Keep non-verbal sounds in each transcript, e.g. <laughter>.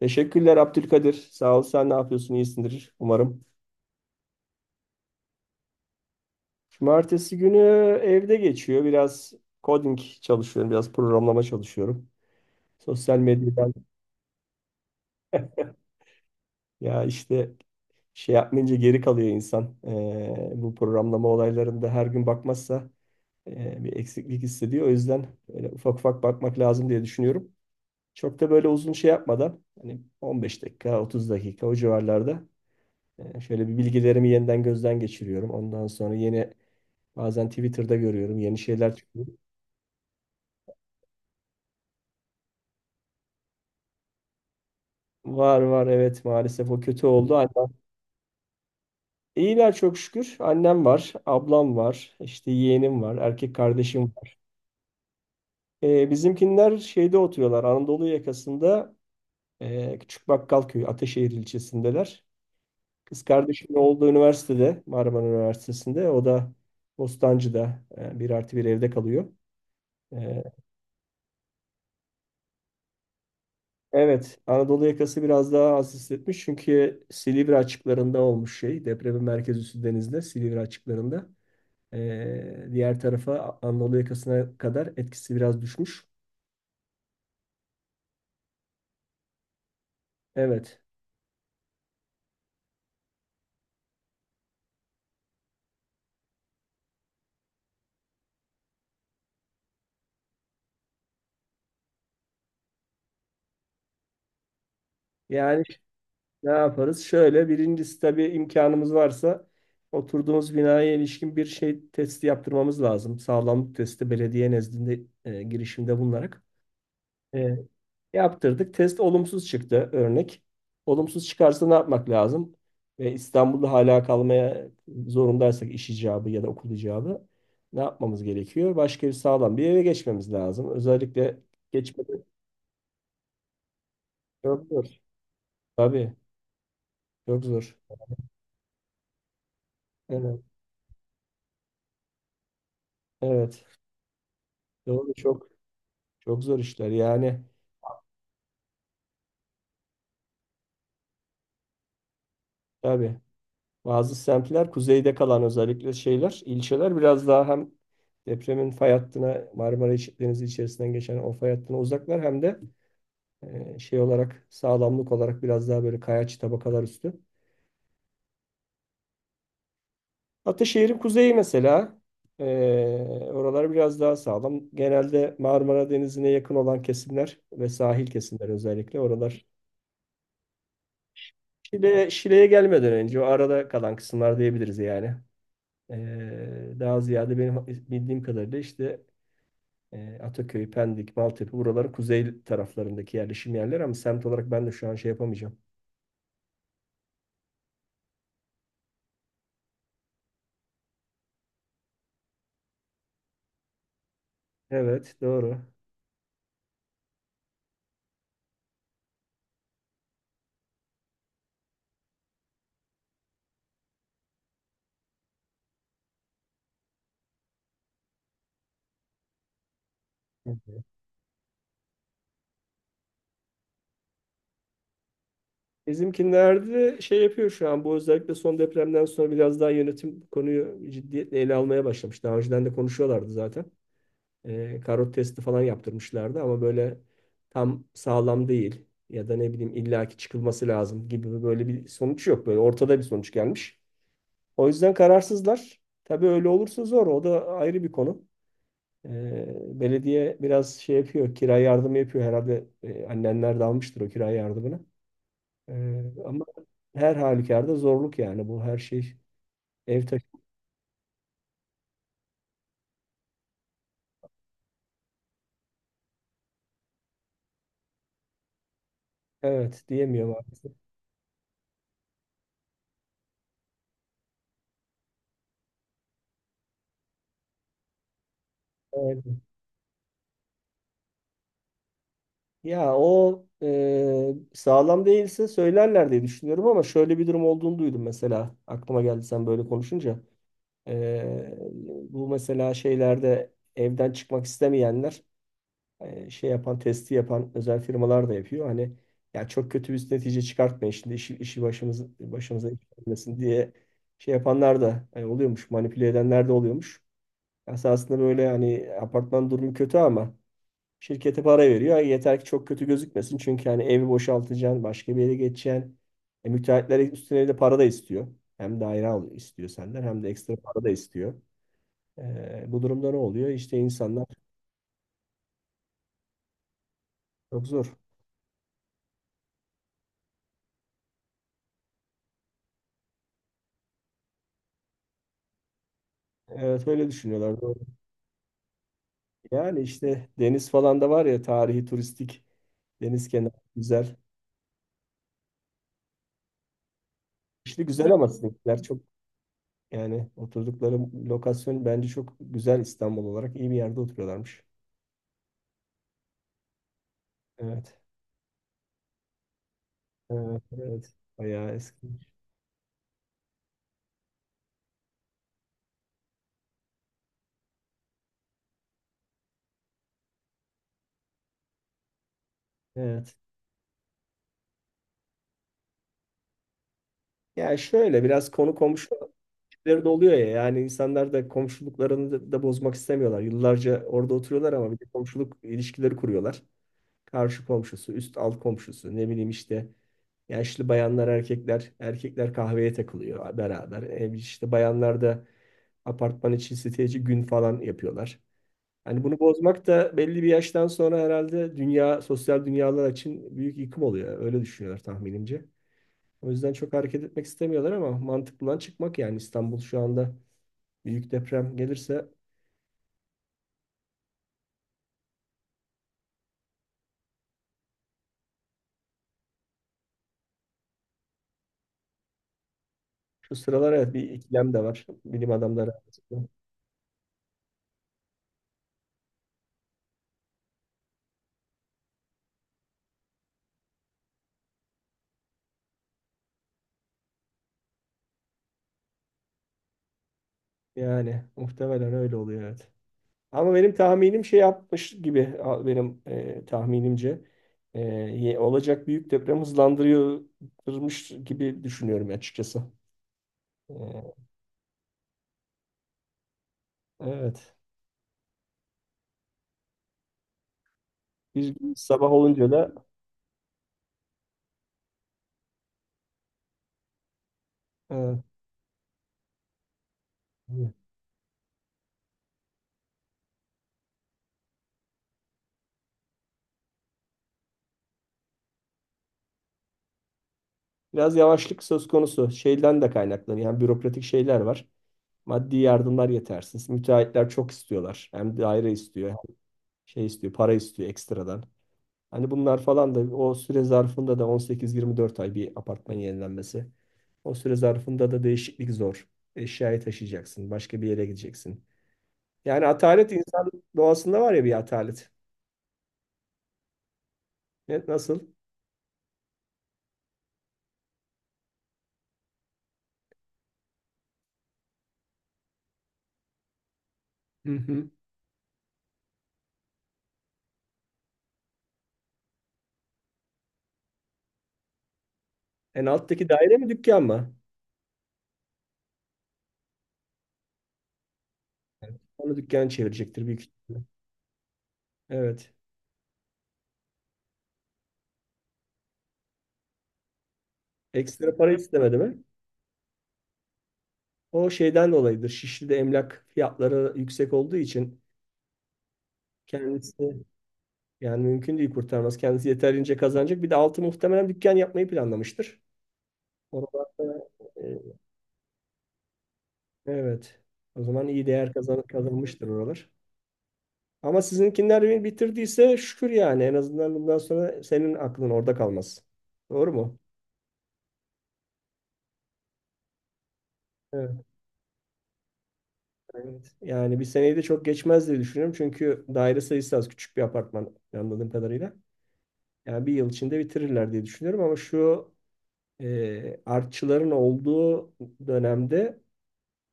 Teşekkürler Abdülkadir. Sağ ol. Sen ne yapıyorsun? İyisindir umarım. Cumartesi günü evde geçiyor. Biraz coding çalışıyorum. Biraz programlama çalışıyorum. Sosyal medyadan ya işte şey yapmayınca geri kalıyor insan. Bu programlama olaylarında her gün bakmazsa bir eksiklik hissediyor. O yüzden böyle ufak ufak bakmak lazım diye düşünüyorum. Çok da böyle uzun şey yapmadan hani 15 dakika, 30 dakika o civarlarda şöyle bir bilgilerimi yeniden gözden geçiriyorum. Ondan sonra yeni, bazen Twitter'da görüyorum yeni şeyler çıkıyor. Var var, evet, maalesef o kötü oldu. Annem. İyiler çok şükür. Annem var, ablam var, işte yeğenim var, erkek kardeşim var. Bizimkinler şeyde oturuyorlar, Anadolu yakasında, Küçük Bakkalköy, Ateşehir ilçesindeler. Kız kardeşimin olduğu üniversitede, Marmara Üniversitesi'nde. O da Bostancı'da bir artı bir evde kalıyor. E, Evet, Anadolu yakası biraz daha az hissetmiş çünkü Silivri açıklarında olmuş şey. Depremin merkez üssü denizde, Silivri açıklarında. Diğer tarafa, Anadolu yakasına kadar etkisi biraz düşmüş. Evet. Yani ne yaparız? Şöyle, birincisi tabii imkanımız varsa oturduğumuz binaya ilişkin bir şey testi yaptırmamız lazım. Sağlamlık testi, belediye nezdinde girişimde bulunarak. E, yaptırdık. Test olumsuz çıktı örnek. Olumsuz çıkarsa ne yapmak lazım? Ve İstanbul'da hala kalmaya zorundaysak, iş icabı ya da okul icabı, ne yapmamız gerekiyor? Başka bir sağlam bir eve geçmemiz lazım. Özellikle geçmeden çok zor. Tabii çok zor. Evet. Evet. Doğru, çok çok zor işler. Yani tabii, bazı semtler, kuzeyde kalan özellikle şeyler, ilçeler biraz daha hem depremin fay hattına, Marmara İç- Denizi içerisinden geçen o fay hattına uzaklar hem de şey olarak, sağlamlık olarak biraz daha böyle kayaç tabakalar üstü. Ataşehir'in kuzeyi mesela, e, oralar biraz daha sağlam. Genelde Marmara Denizi'ne yakın olan kesimler ve sahil kesimler, özellikle oralar. Şile, Şile'ye gelmeden önce o arada kalan kısımlar diyebiliriz yani. Daha ziyade benim bildiğim kadarıyla işte, Ataköy, Pendik, Maltepe, buraları kuzey taraflarındaki yerleşim yerleri ama semt olarak ben de şu an şey yapamayacağım. Evet, doğru. Hı hı. Bizimkilerde şey yapıyor şu an, bu özellikle son depremden sonra biraz daha yönetim bu konuyu ciddiyetle ele almaya başlamış. Daha önceden de konuşuyorlardı zaten. Karot testi falan yaptırmışlardı ama böyle tam sağlam değil ya da ne bileyim illaki çıkılması lazım gibi böyle bir sonuç yok. Böyle ortada bir sonuç gelmiş. O yüzden kararsızlar. Tabii öyle olursa zor. O da ayrı bir konu. Belediye biraz şey yapıyor, kira yardımı yapıyor herhalde. Annenler de almıştır o kira yardımını. E, ama her halükarda zorluk yani bu her şey. Ev taşı. Evet, diyemiyorum artık. Evet. Ya o sağlam değilse söylerler diye düşünüyorum ama şöyle bir durum olduğunu duydum mesela. Aklıma geldi sen böyle konuşunca. E, bu mesela şeylerde, evden çıkmak istemeyenler, şey yapan, testi yapan özel firmalar da yapıyor. Hani ya çok kötü bir netice çıkartmayın şimdi, işi başımıza iş gelmesin diye şey yapanlar da hani oluyormuş, manipüle edenler de oluyormuş. Esasında böyle hani apartman durumu kötü ama şirkete para veriyor. Yeter ki çok kötü gözükmesin. Çünkü hani evi boşaltacaksın, başka bir yere geçeceksin. Müteahhitler üstüne de para da istiyor. Hem daire al istiyor senden hem de ekstra para da istiyor. Bu durumda ne oluyor? İşte insanlar çok zor. Evet, öyle düşünüyorlar. Yani işte deniz falan da var ya, tarihi, turistik, deniz kenarı güzel. İşte güzel ama sizinkiler çok, yani oturdukları lokasyon bence çok güzel, İstanbul olarak iyi bir yerde oturuyorlarmış. Evet. Evet. Evet. Bayağı eski. Evet. Ya şöyle, biraz konu komşu ilişkileri de oluyor ya, yani insanlar da komşuluklarını da bozmak istemiyorlar. Yıllarca orada oturuyorlar ama bir de komşuluk ilişkileri kuruyorlar. Karşı komşusu, üst alt komşusu, ne bileyim işte yaşlı bayanlar, erkekler, erkekler kahveye takılıyor beraber. İşte bayanlar da apartman içi siteci gün falan yapıyorlar. Hani bunu bozmak da belli bir yaştan sonra herhalde dünya, sosyal dünyalar için büyük yıkım oluyor. Öyle düşünüyorlar tahminimce. O yüzden çok hareket etmek istemiyorlar ama mantıklıdan çıkmak, yani İstanbul şu anda büyük deprem gelirse, şu sıralar evet bir ikilem de var bilim adamları arasında. Yani muhtemelen öyle oluyor, evet. Ama benim tahminim şey yapmış gibi benim tahminimce olacak büyük deprem hızlandırıyormuş gibi düşünüyorum açıkçası. E, evet. Bir sabah olunca da e, biraz yavaşlık söz konusu. Şeyden de kaynaklanıyor. Yani bürokratik şeyler var. Maddi yardımlar yetersiz. Müteahhitler çok istiyorlar. Hem daire istiyor, hem şey istiyor, para istiyor ekstradan. Hani bunlar falan da o süre zarfında da 18-24 ay bir apartman yenilenmesi. O süre zarfında da değişiklik zor. Eşyayı taşıyacaksın, başka bir yere gideceksin. Yani atalet insan doğasında var ya, bir atalet. Evet, nasıl? Hı hı. En alttaki daire mi dükkan mı? Evet. Onu dükkan çevirecektir büyük ihtimalle. Evet. Ekstra para istemedi mi? O şeyden dolayıdır. Şişli'de emlak fiyatları yüksek olduğu için kendisi, yani mümkün değil kurtarması. Kendisi yeterince kazanacak. Bir de altı muhtemelen dükkan yapmayı planlamıştır. Oralarda e, evet. O zaman iyi değer kazanmıştır oralar. Ama sizinkiler bitirdiyse şükür yani. En azından bundan sonra senin aklın orada kalmaz. Doğru mu? Evet. Evet. Yani bir seneyi de çok geçmez diye düşünüyorum. Çünkü daire sayısı az. Küçük bir apartman anladığım kadarıyla. Yani bir yıl içinde bitirirler diye düşünüyorum. Ama şu artçıların olduğu dönemde,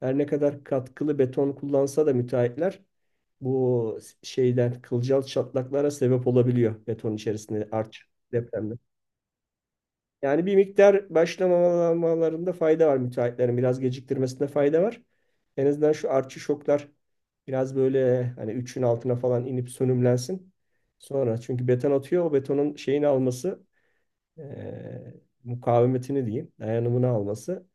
her ne kadar katkılı beton kullansa da müteahhitler, bu şeyden kılcal çatlaklara sebep olabiliyor beton içerisinde arç depremde. Yani bir miktar başlamamalarında fayda var, müteahhitlerin biraz geciktirmesinde fayda var. En azından şu artçı şoklar biraz böyle hani 3'ün altına falan inip sönümlensin. Sonra çünkü beton atıyor, o betonun şeyini alması, mukavemetini diyeyim, dayanımını alması.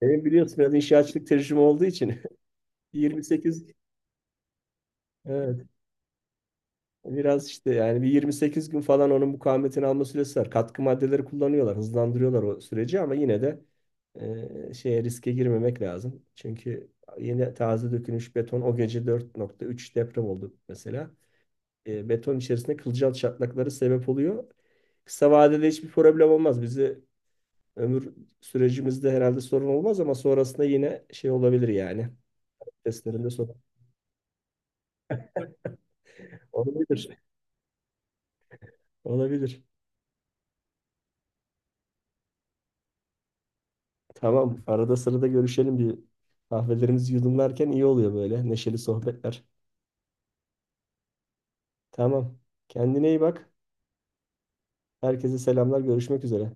Benim biliyorsun biraz inşaatçılık tecrübem olduğu için <laughs> 28, evet. Biraz işte yani bir 28 gün falan onun mukavemetini alma süresi var. Katkı maddeleri kullanıyorlar, hızlandırıyorlar o süreci ama yine de şeye, riske girmemek lazım. Çünkü yeni taze dökülmüş beton, o gece 4.3 deprem oldu mesela. Beton içerisinde kılcal çatlakları sebep oluyor. Kısa vadede hiçbir problem olmaz. Bizi ömür sürecimizde herhalde sorun olmaz ama sonrasında yine şey olabilir yani. Testlerinde sorun olabilir. Olabilir. Tamam. Arada sırada görüşelim, bir kahvelerimizi yudumlarken iyi oluyor böyle. Neşeli sohbetler. Tamam. Kendine iyi bak. Herkese selamlar. Görüşmek üzere.